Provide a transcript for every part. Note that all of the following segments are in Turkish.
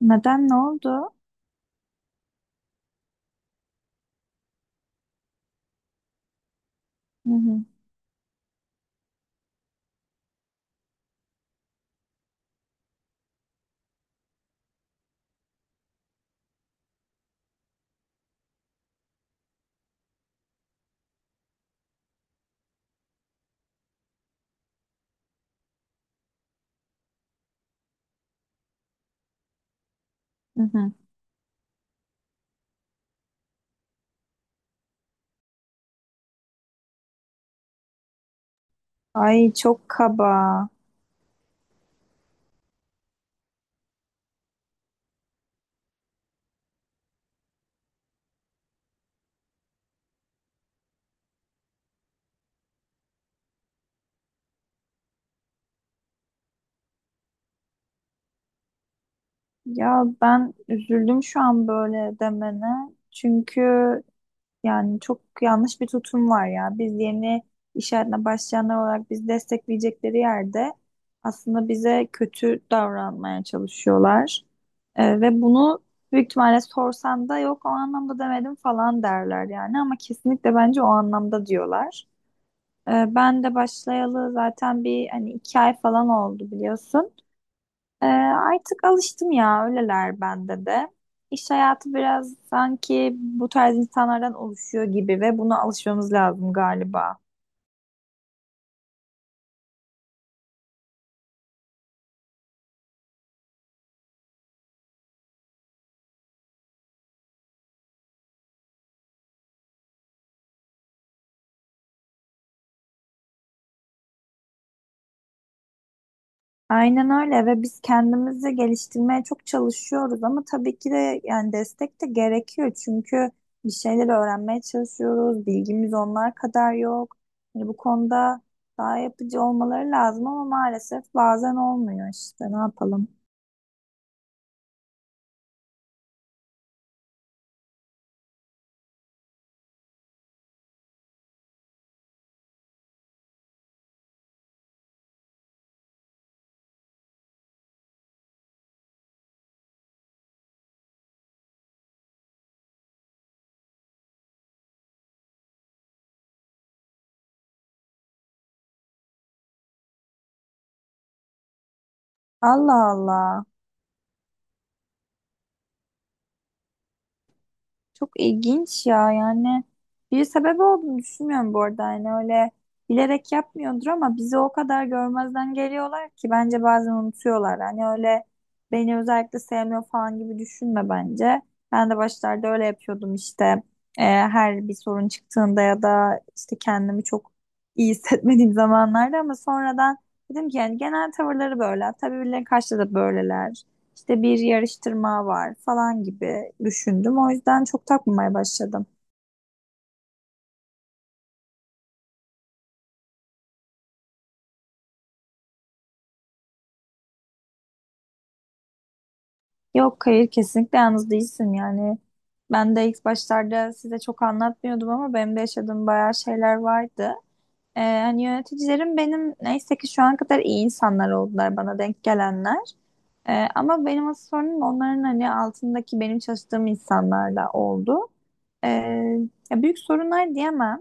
Neden ne oldu? Hı hı, hı hı. Ay çok kaba. Ya ben üzüldüm şu an böyle demene. Çünkü yani çok yanlış bir tutum var ya. Biz yeni iş hayatına başlayanlar olarak bizi destekleyecekleri yerde aslında bize kötü davranmaya çalışıyorlar. Ve bunu büyük ihtimalle sorsan da yok o anlamda demedim falan derler yani. Ama kesinlikle bence o anlamda diyorlar. Ben de başlayalı zaten bir hani iki ay falan oldu biliyorsun. Artık alıştım ya öyleler bende de. İş hayatı biraz sanki bu tarz insanlardan oluşuyor gibi ve buna alışmamız lazım galiba. Aynen öyle ve biz kendimizi geliştirmeye çok çalışıyoruz ama tabii ki de yani destek de gerekiyor çünkü bir şeyler öğrenmeye çalışıyoruz, bilgimiz onlar kadar yok. Yani bu konuda daha yapıcı olmaları lazım ama maalesef bazen olmuyor işte ne yapalım. Allah Allah. Çok ilginç ya yani bir sebebi olduğunu düşünmüyorum bu arada yani öyle bilerek yapmıyordur ama bizi o kadar görmezden geliyorlar ki bence bazen unutuyorlar. Hani öyle beni özellikle sevmiyor falan gibi düşünme bence. Ben de başlarda öyle yapıyordum işte, her bir sorun çıktığında ya da işte kendimi çok iyi hissetmediğim zamanlarda ama sonradan dedim ki yani genel tavırları böyle tabii birilerine karşı da böyleler. İşte bir yarıştırma var falan gibi düşündüm. O yüzden çok takmamaya başladım. Yok hayır kesinlikle yalnız değilsin yani. Ben de ilk başlarda size çok anlatmıyordum ama benim de yaşadığım bayağı şeyler vardı. Hani yöneticilerim benim neyse ki şu ana kadar iyi insanlar oldular bana denk gelenler. Ama benim asıl sorunum onların hani altındaki benim çalıştığım insanlarla oldu. Ee, Ya büyük sorunlar diyemem.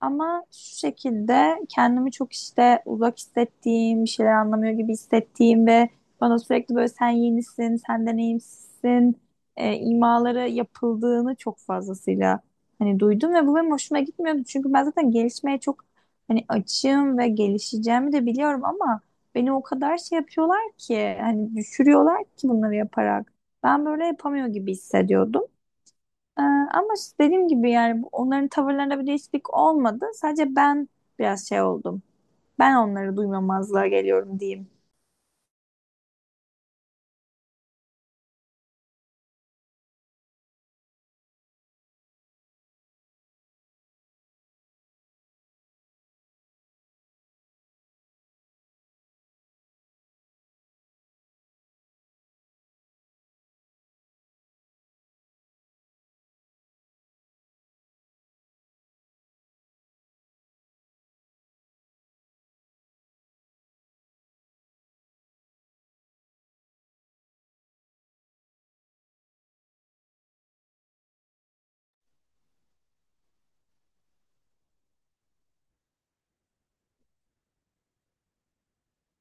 Ama şu şekilde kendimi çok işte uzak hissettiğim, bir şeyler anlamıyor gibi hissettiğim ve bana sürekli böyle sen yenisin, sen deneyimsizsin imaları yapıldığını çok fazlasıyla hani duydum ve bu benim hoşuma gitmiyordu. Çünkü ben zaten gelişmeye çok hani açığım ve gelişeceğimi de biliyorum ama beni o kadar şey yapıyorlar ki hani düşürüyorlar ki bunları yaparak. Ben böyle yapamıyor gibi hissediyordum. Ama işte dediğim gibi yani onların tavırlarında bir değişiklik olmadı. Sadece ben biraz şey oldum. Ben onları duymamazlığa geliyorum diyeyim.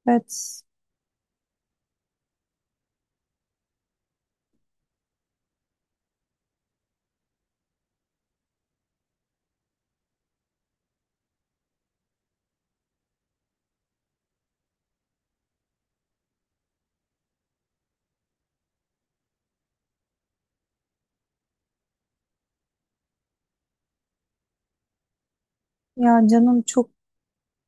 Evet. Ya canım çok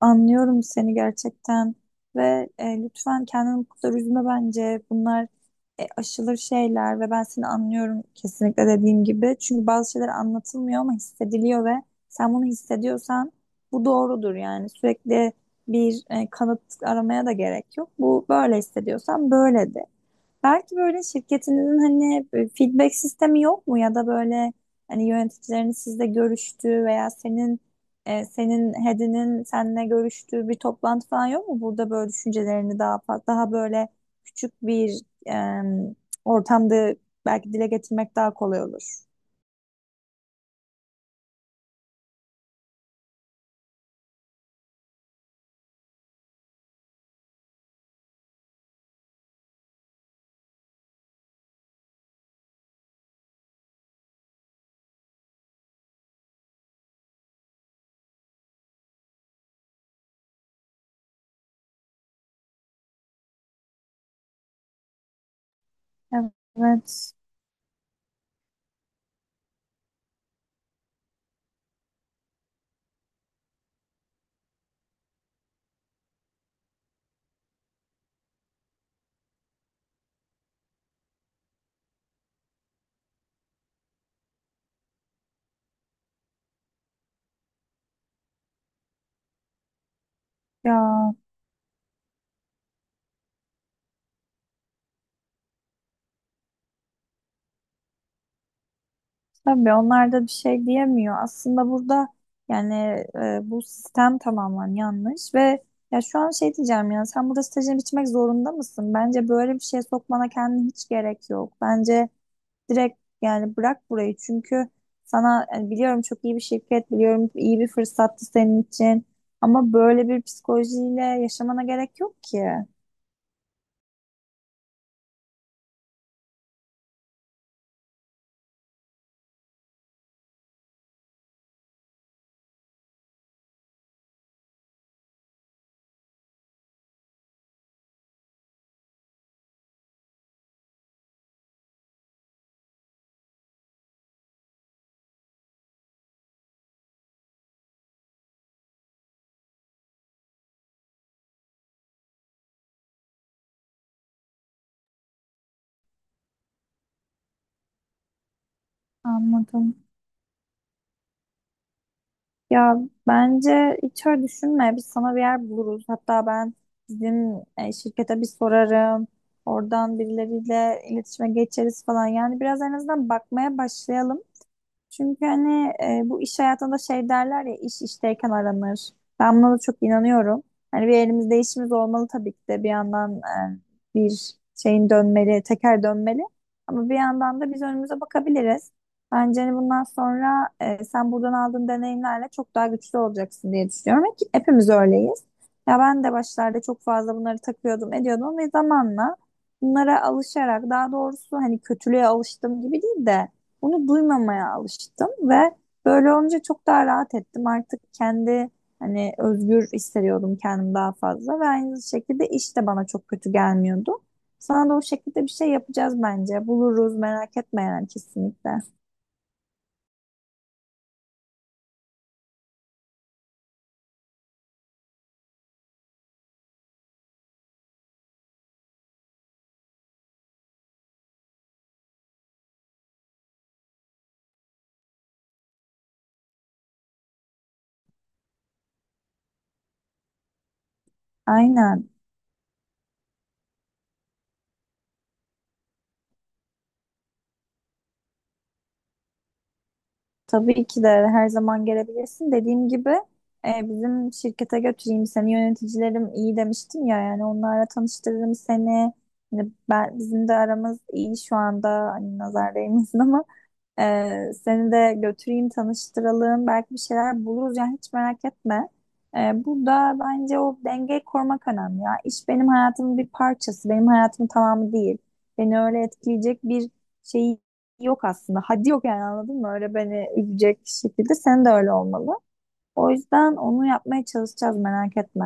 anlıyorum seni gerçekten ve lütfen kendini bu kadar üzme bence. Bunlar aşılır şeyler ve ben seni anlıyorum kesinlikle dediğim gibi. Çünkü bazı şeyler anlatılmıyor ama hissediliyor ve sen bunu hissediyorsan bu doğrudur yani. Sürekli bir kanıt aramaya da gerek yok. Bu böyle hissediyorsan böyle de. Belki böyle şirketinizin hani feedback sistemi yok mu ya da böyle hani yöneticilerin sizle görüştüğü veya senin senin head'inin seninle görüştüğü bir toplantı falan yok mu? Burada böyle düşüncelerini daha böyle küçük bir e, ortamda belki dile getirmek daha kolay olur. Evet, ya tabii onlar da bir şey diyemiyor. Aslında burada yani bu sistem tamamen yanlış ve ya şu an şey diyeceğim ya sen burada stajını bitirmek zorunda mısın? Bence böyle bir şeye sokmana kendine hiç gerek yok. Bence direkt yani bırak burayı çünkü sana yani biliyorum çok iyi bir şirket, biliyorum iyi bir fırsattı senin için ama böyle bir psikolojiyle yaşamana gerek yok ki. Anladım. Ya bence hiç öyle düşünme. Biz sana bir yer buluruz. Hatta ben bizim şirkete bir sorarım. Oradan birileriyle iletişime geçeriz falan. Yani biraz en azından bakmaya başlayalım. Çünkü hani bu iş hayatında şey derler ya iş işteyken aranır. Ben buna da çok inanıyorum. Hani bir elimizde işimiz olmalı tabii ki de bir yandan bir şeyin dönmeli, teker dönmeli. Ama bir yandan da biz önümüze bakabiliriz. Bence hani bundan sonra, sen buradan aldığın deneyimlerle çok daha güçlü olacaksın diye düşünüyorum. Ki hepimiz öyleyiz. Ya ben de başlarda çok fazla bunları takıyordum, ediyordum ve zamanla bunlara alışarak daha doğrusu hani kötülüğe alıştım gibi değil de bunu duymamaya alıştım ve böyle olunca çok daha rahat ettim. Artık kendi hani özgür hissediyordum kendimi daha fazla ve aynı şekilde iş de bana çok kötü gelmiyordu. Sana da o şekilde bir şey yapacağız bence. Buluruz merak etme yani kesinlikle. Aynen. Tabii ki de her zaman gelebilirsin. Dediğim gibi, bizim şirkete götüreyim seni, yöneticilerim iyi demiştim ya yani onlarla tanıştırırım seni. Hani ben, bizim de aramız iyi şu anda hani nazar değmesin ama seni de götüreyim, tanıştıralım. Belki bir şeyler buluruz. Yani hiç merak etme. Burada bence o dengeyi korumak önemli ya. İş benim hayatımın bir parçası. Benim hayatımın tamamı değil. Beni öyle etkileyecek bir şey yok aslında. Hadi yok yani anladın mı? Öyle beni üzecek şekilde sen de öyle olmalı. O yüzden onu yapmaya çalışacağız merak etme.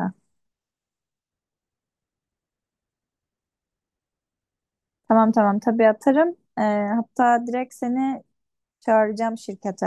Tamam tamam tabii atarım. Ee, Hatta direkt seni çağıracağım şirkete.